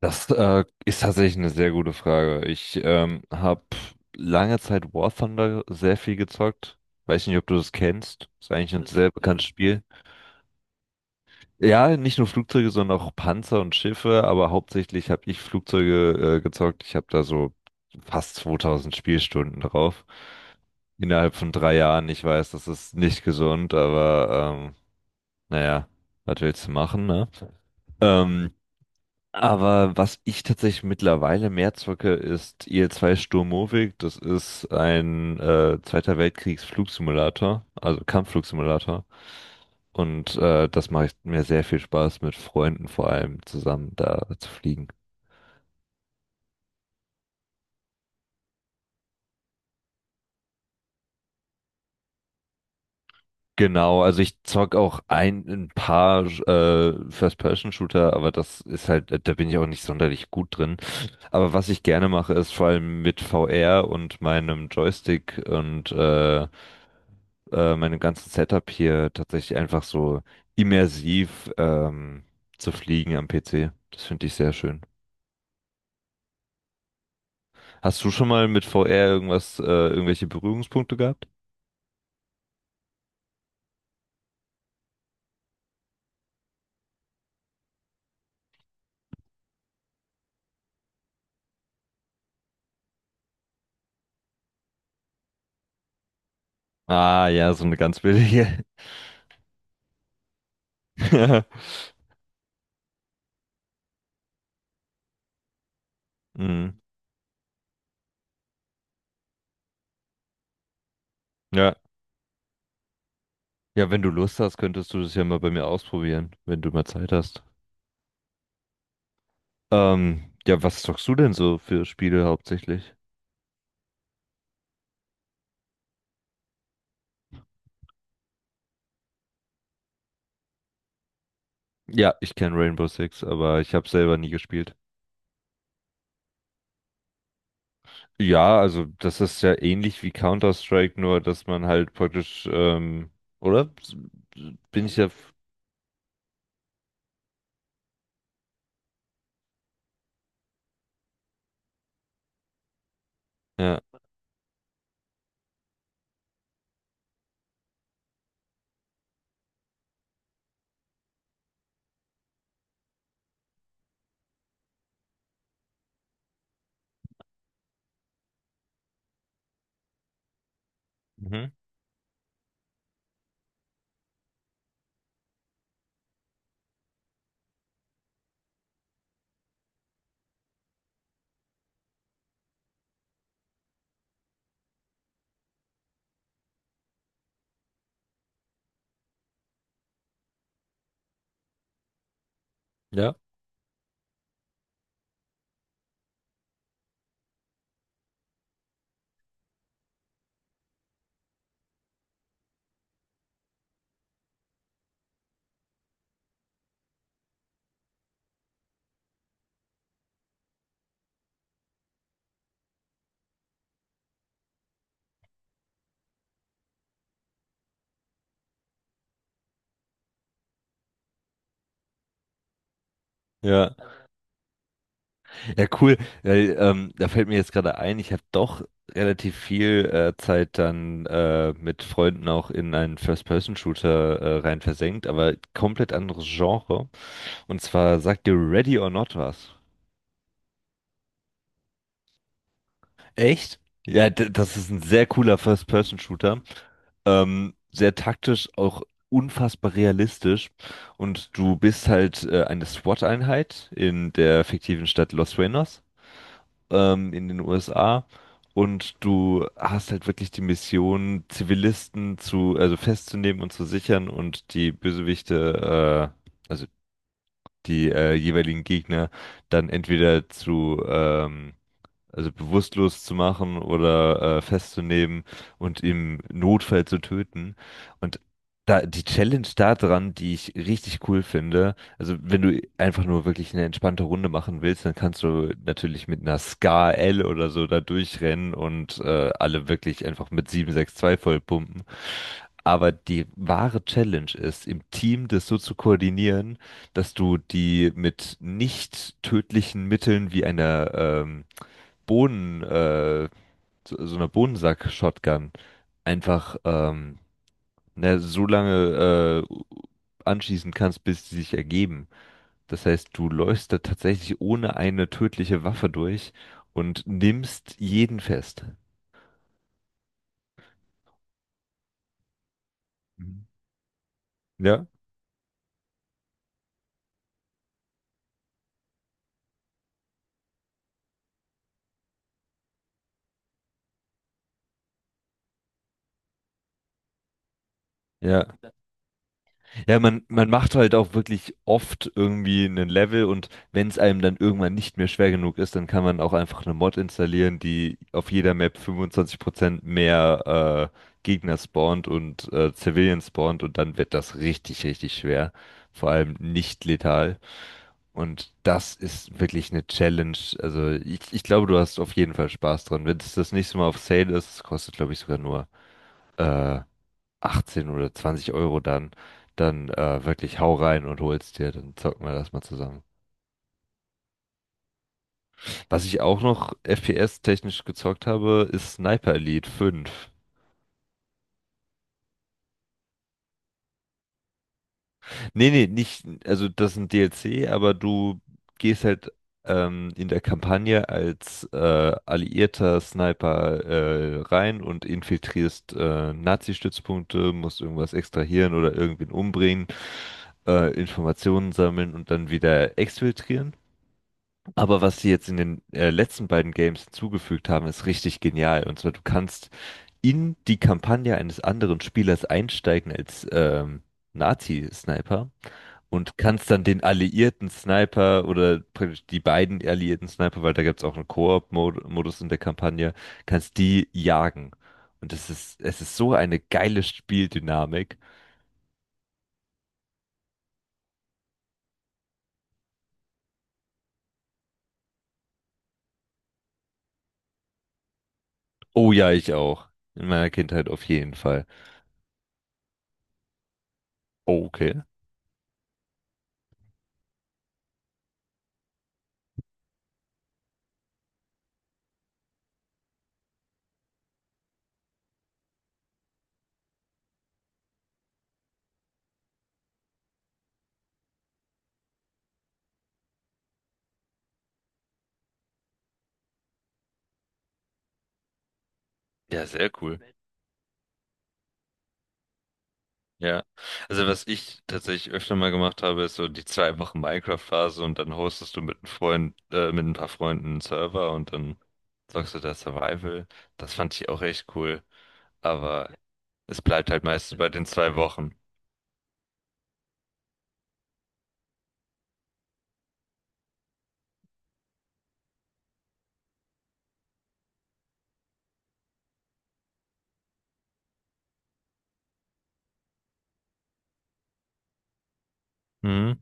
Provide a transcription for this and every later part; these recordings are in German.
Das ist tatsächlich eine sehr gute Frage. Ich habe lange Zeit War Thunder sehr viel gezockt. Weiß nicht, ob du das kennst. Ist eigentlich ein sehr bekanntes Spiel. Ja, nicht nur Flugzeuge, sondern auch Panzer und Schiffe, aber hauptsächlich habe ich Flugzeuge gezockt. Ich habe da so fast 2000 Spielstunden drauf. Innerhalb von 3 Jahren. Ich weiß, das ist nicht gesund, aber naja, was willst du machen, ne? Ähm, Aber was ich tatsächlich mittlerweile mehr zocke, ist IL-2 Sturmovik. Das ist ein Zweiter Weltkriegsflugsimulator, also Kampfflugsimulator. Und das macht mir sehr viel Spaß, mit Freunden vor allem zusammen da zu fliegen. Genau, also ich zock auch ein paar First-Person-Shooter, aber das ist halt, da bin ich auch nicht sonderlich gut drin. Aber was ich gerne mache, ist vor allem mit VR und meinem Joystick und meinem ganzen Setup hier tatsächlich einfach so immersiv zu fliegen am PC. Das finde ich sehr schön. Hast du schon mal mit VR irgendwas, irgendwelche Berührungspunkte gehabt? Ah, ja, so eine ganz billige. Mhm. Ja. Ja, wenn du Lust hast, könntest du das ja mal bei mir ausprobieren, wenn du mal Zeit hast. Ja, was zockst du denn so für Spiele hauptsächlich? Ja, ich kenne Rainbow Six, aber ich habe selber nie gespielt. Ja, also das ist ja ähnlich wie Counter-Strike, nur dass man halt praktisch, oder? Bin ich ja, ja, mhm. Ja, ja, ja, cool. Weil, da fällt mir jetzt gerade ein, ich habe doch relativ viel Zeit dann mit Freunden auch in einen First-Person-Shooter rein versenkt, aber komplett anderes Genre. Und zwar sagt dir Ready or Not was. Echt? Ja, das ist ein sehr cooler First-Person-Shooter. Sehr taktisch, auch unfassbar realistisch. Und du bist halt eine SWAT-Einheit in der fiktiven Stadt Los Sueños, in den USA. Und du hast halt wirklich die Mission, Zivilisten zu, also festzunehmen und zu sichern und die Bösewichte, also die jeweiligen Gegner dann entweder zu also bewusstlos zu machen oder festzunehmen und im Notfall zu töten. Und da, die Challenge da dran, die ich richtig cool finde, also wenn du einfach nur wirklich eine entspannte Runde machen willst, dann kannst du natürlich mit einer Scar L oder so da durchrennen und alle wirklich einfach mit 7,62 vollpumpen. Aber die wahre Challenge ist, im Team das so zu koordinieren, dass du die mit nicht tödlichen Mitteln wie einer Bohnen, äh, so, so einer Bohnensack-Shotgun einfach ne, so lange anschießen kannst, bis sie sich ergeben. Das heißt, du läufst da tatsächlich ohne eine tödliche Waffe durch und nimmst jeden fest. Mhm. Ja? Ja. Ja, man macht halt auch wirklich oft irgendwie einen Level und wenn es einem dann irgendwann nicht mehr schwer genug ist, dann kann man auch einfach eine Mod installieren, die auf jeder Map 25% mehr Gegner spawnt und Civilians spawnt und dann wird das richtig, richtig schwer. Vor allem nicht letal. Und das ist wirklich eine Challenge. Also ich glaube, du hast auf jeden Fall Spaß dran. Wenn es das nächste Mal auf Sale ist, kostet, glaube ich, sogar nur äh, 18 oder 20 Euro, dann wirklich hau rein und hol's dir, dann zocken wir das mal zusammen. Was ich auch noch FPS-technisch gezockt habe, ist Sniper Elite 5. Nee, nee, nicht, also das ist ein DLC, aber du gehst halt in der Kampagne als alliierter Sniper rein und infiltrierst Nazi-Stützpunkte, musst irgendwas extrahieren oder irgendwen umbringen, Informationen sammeln und dann wieder exfiltrieren. Aber was sie jetzt in den letzten beiden Games hinzugefügt haben, ist richtig genial. Und zwar, du kannst in die Kampagne eines anderen Spielers einsteigen als Nazi-Sniper und kannst dann den alliierten Sniper oder praktisch die beiden alliierten Sniper, weil da gibt's auch einen Koop-Modus in der Kampagne, kannst die jagen. Und es ist so eine geile Spieldynamik. Oh ja, ich auch. In meiner Kindheit auf jeden Fall. Oh, okay. Ja, sehr cool. Ja, also was ich tatsächlich öfter mal gemacht habe, ist so die 2 Wochen Minecraft-Phase und dann hostest du mit einem Freund, mit ein paar Freunden einen Server und dann zockst du da Survival. Das fand ich auch echt cool, aber es bleibt halt meistens bei den 2 Wochen. Mhm,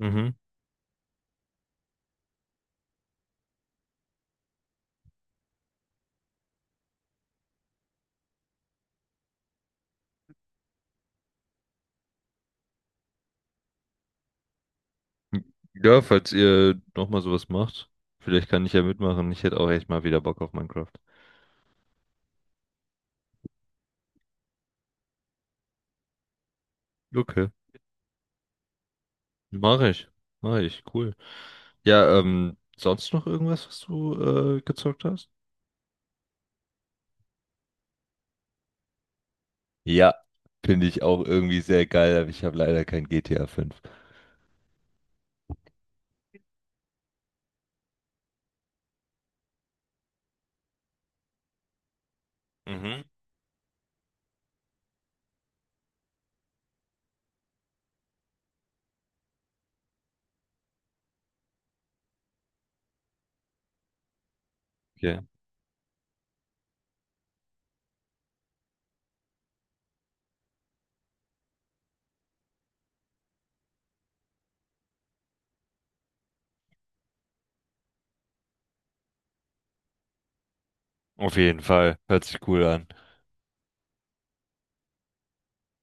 mhm. Ja, falls ihr nochmal sowas macht, vielleicht kann ich ja mitmachen. Ich hätte auch echt mal wieder Bock auf Minecraft. Okay, mach ich, mach ich, cool. Ja, sonst noch irgendwas, was du gezockt hast? Ja, finde ich auch irgendwie sehr geil, aber ich habe leider kein GTA 5. Mhm. Okay. Auf jeden Fall. Hört sich cool an.